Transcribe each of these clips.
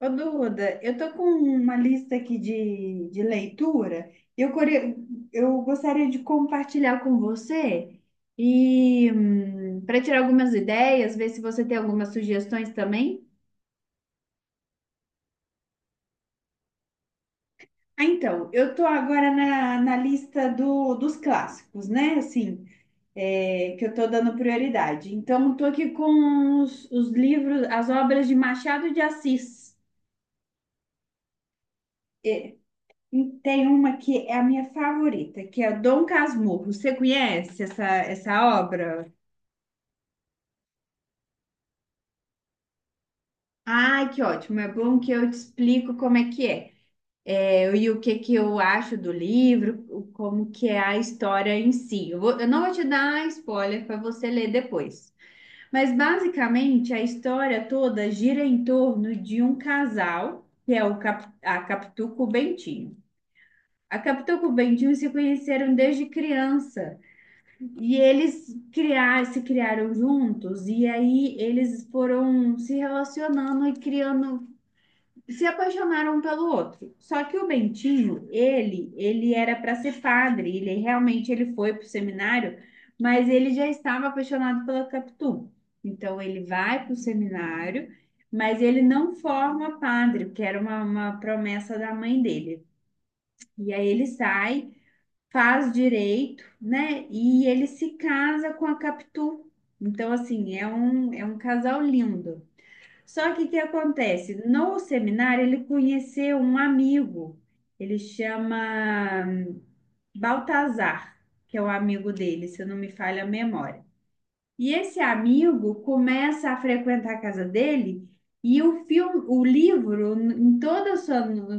Ô, Duda, eu tô com uma lista aqui de leitura. Eu, core- eu gostaria de compartilhar com você e para tirar algumas ideias, ver se você tem algumas sugestões também. Então, eu tô agora na lista dos clássicos, né? Assim, é, que eu tô dando prioridade. Então, tô aqui com os livros, as obras de Machado de Assis. E tem uma que é a minha favorita, que é Dom Casmurro. Você conhece essa obra? Ai, que ótimo! É bom que eu te explico como é que é. É, e o que que eu acho do livro, como que é a história em si. Eu não vou te dar spoiler para você ler depois. Mas basicamente a história toda gira em torno de um casal, que é o a Capitu com o Bentinho. A Capitu com o Bentinho se conheceram desde criança. E se criaram juntos, e aí eles foram se relacionando e criando, se apaixonaram um pelo outro. Só que o Bentinho, ele era para ser padre, ele realmente ele foi para o seminário, mas ele já estava apaixonado pela Capitu. Então ele vai para o seminário, mas ele não forma padre, porque era uma promessa da mãe dele. E aí ele sai faz direito, né? E ele se casa com a Capitu. Então, assim, é um casal lindo. Só que o que acontece? No seminário, ele conheceu um amigo, ele chama Baltazar, que é o amigo dele, se não me falha a memória. E esse amigo começa a frequentar a casa dele e o filme, o livro, em todos os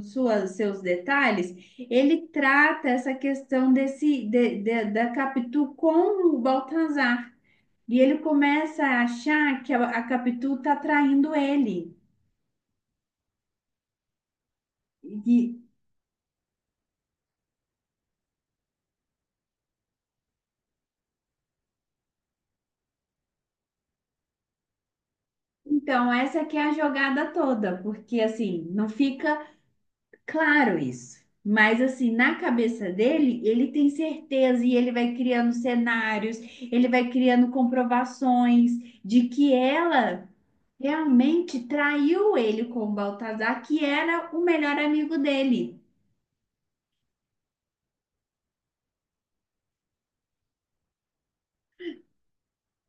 seus detalhes, ele trata essa questão da Capitu com o Baltazar. E ele começa a achar que a Capitu está traindo ele. E, então, essa que é a jogada toda, porque assim, não fica claro isso. Mas assim, na cabeça dele, ele tem certeza e ele vai criando cenários, ele vai criando comprovações de que ela realmente traiu ele com o Baltazar, que era o melhor amigo dele.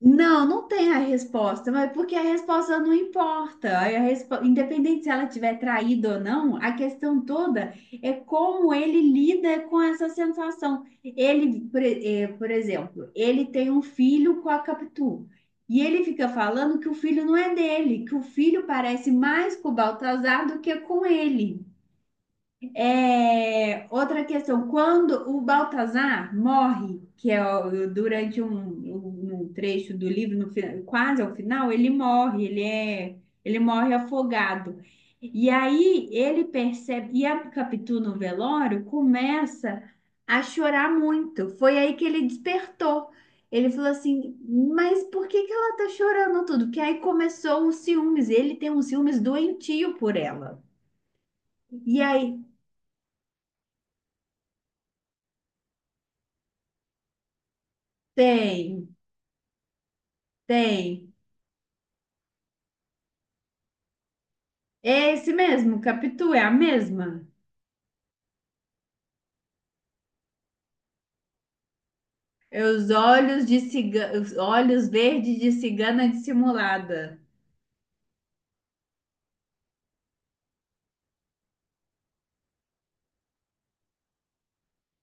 Não, não tem a resposta, mas porque a resposta não importa. Independente se ela tiver traído ou não, a questão toda é como ele lida com essa sensação. Por exemplo, ele tem um filho com a Capitu. E ele fica falando que o filho não é dele, que o filho parece mais com o Baltazar do que com ele. É, outra questão, quando o Baltazar morre, que é durante um trecho do livro, no fi- quase ao final, ele morre, ele morre afogado. E aí ele percebe, e a Capitu no velório começa a chorar muito. Foi aí que ele despertou. Ele falou assim, mas por que que ela tá chorando tudo? Porque aí começou os ciúmes, ele tem uns ciúmes doentio por ela. E aí tem. Tem. É esse mesmo, Capitu, é a mesma. É os olhos de cigana, os olhos verdes de cigana dissimulada.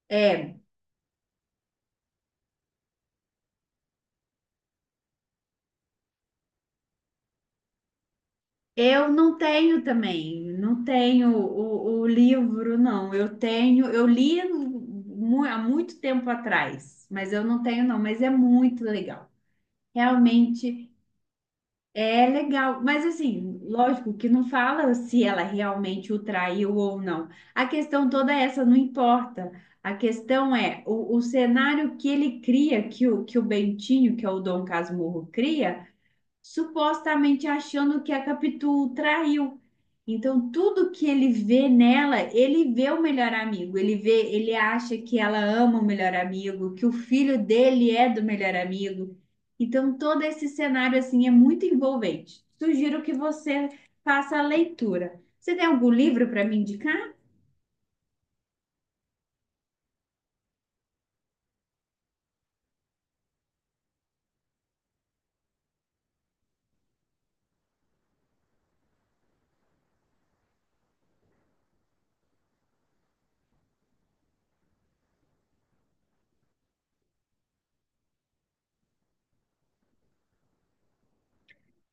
É, eu não tenho também, não tenho o livro, não. Eu tenho, eu li há muito tempo atrás, mas eu não tenho, não, mas é muito legal. Realmente é legal, mas assim, lógico que não fala se ela realmente o traiu ou não. A questão toda é essa não importa. A questão é o cenário que ele cria, que o Bentinho, que é o Dom Casmurro, cria supostamente achando que a Capitu traiu. Então, tudo que ele vê nela, ele vê o melhor amigo, ele vê, ele acha que ela ama o melhor amigo, que o filho dele é do melhor amigo. Então, todo esse cenário assim é muito envolvente. Sugiro que você faça a leitura. Você tem algum livro para me indicar?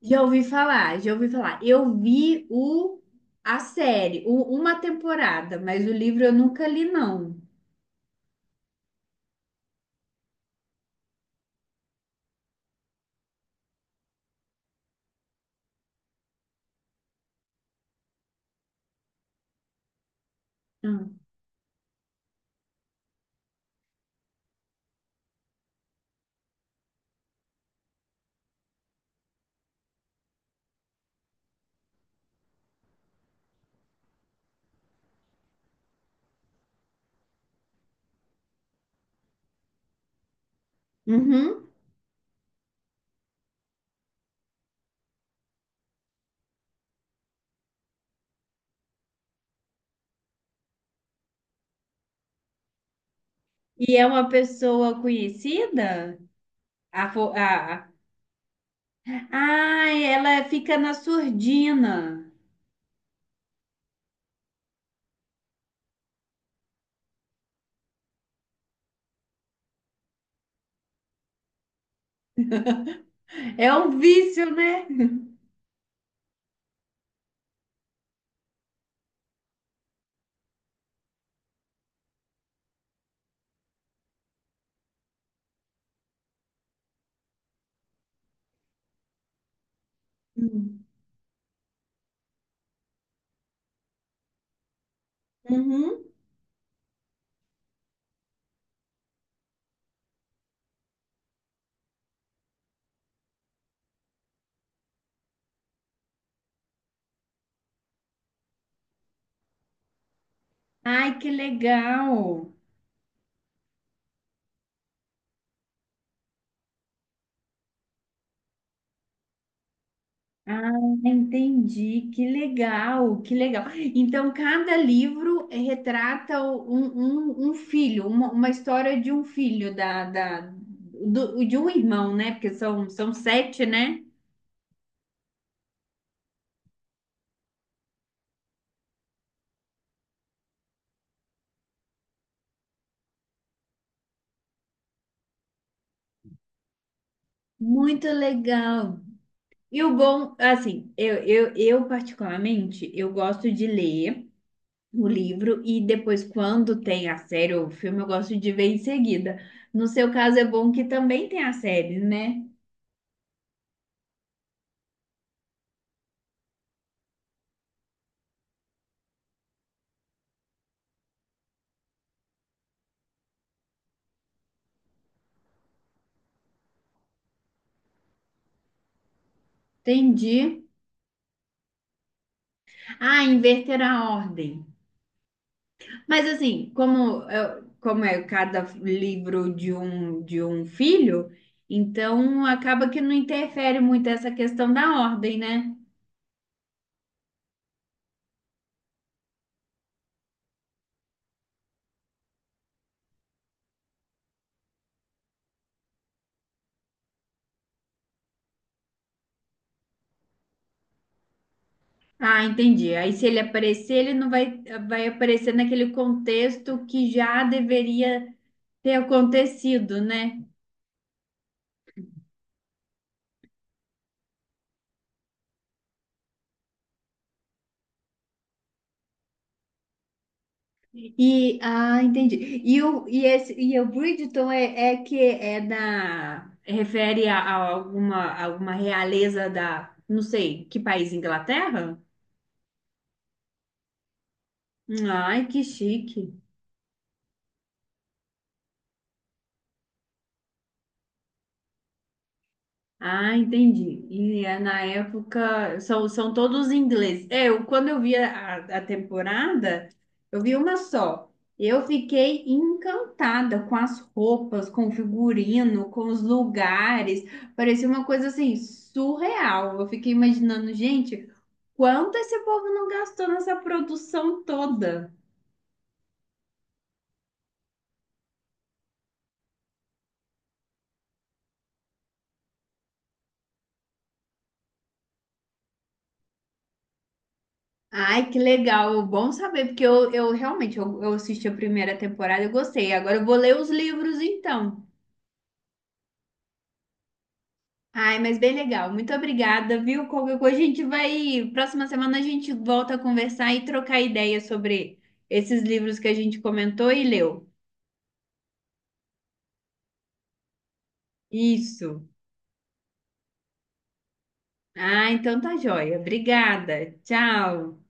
Já ouvi falar, já ouvi falar. Eu vi o a série, uma temporada, mas o livro eu nunca li, não. Hum. Uhum. E é uma pessoa conhecida? A, fo- a, ah, ela fica na surdina. É um vício, né? Hum. Uhum. Ai, que legal. Ah, entendi. Que legal, que legal. Então, cada livro retrata um filho, uma história de um filho, de um irmão, né? Porque são, são 7, né? Muito legal. E o bom, assim, eu particularmente, eu gosto de ler o livro e depois, quando tem a série ou o filme, eu gosto de ver em seguida. No seu caso, é bom que também tem a série, né? Entendi. Ah, inverter a ordem. Mas assim, como é cada livro de um filho, então acaba que não interfere muito essa questão da ordem, né? Ah, entendi. Aí se ele aparecer, ele não vai, vai aparecer naquele contexto que já deveria ter acontecido, né? Entendi. E o Bridgerton é, é que é da refere a alguma alguma realeza da, não sei, que país, Inglaterra? Ai, que chique. Ah, entendi. E é, na época são, são todos ingleses. É, eu, quando eu vi a temporada, eu vi uma só. Eu fiquei encantada com as roupas, com o figurino, com os lugares. Parecia uma coisa assim surreal. Eu fiquei imaginando, gente, quanto esse povo não gastou nessa produção toda. Ai, que legal, bom saber, porque eu realmente eu assisti a primeira temporada e gostei. Agora eu vou ler os livros então. Ai, mas bem legal. Muito obrigada, viu? Qualquer coisa a gente vai. Próxima semana a gente volta a conversar e trocar ideias sobre esses livros que a gente comentou e leu. Isso. Ah, então tá joia. Obrigada. Tchau.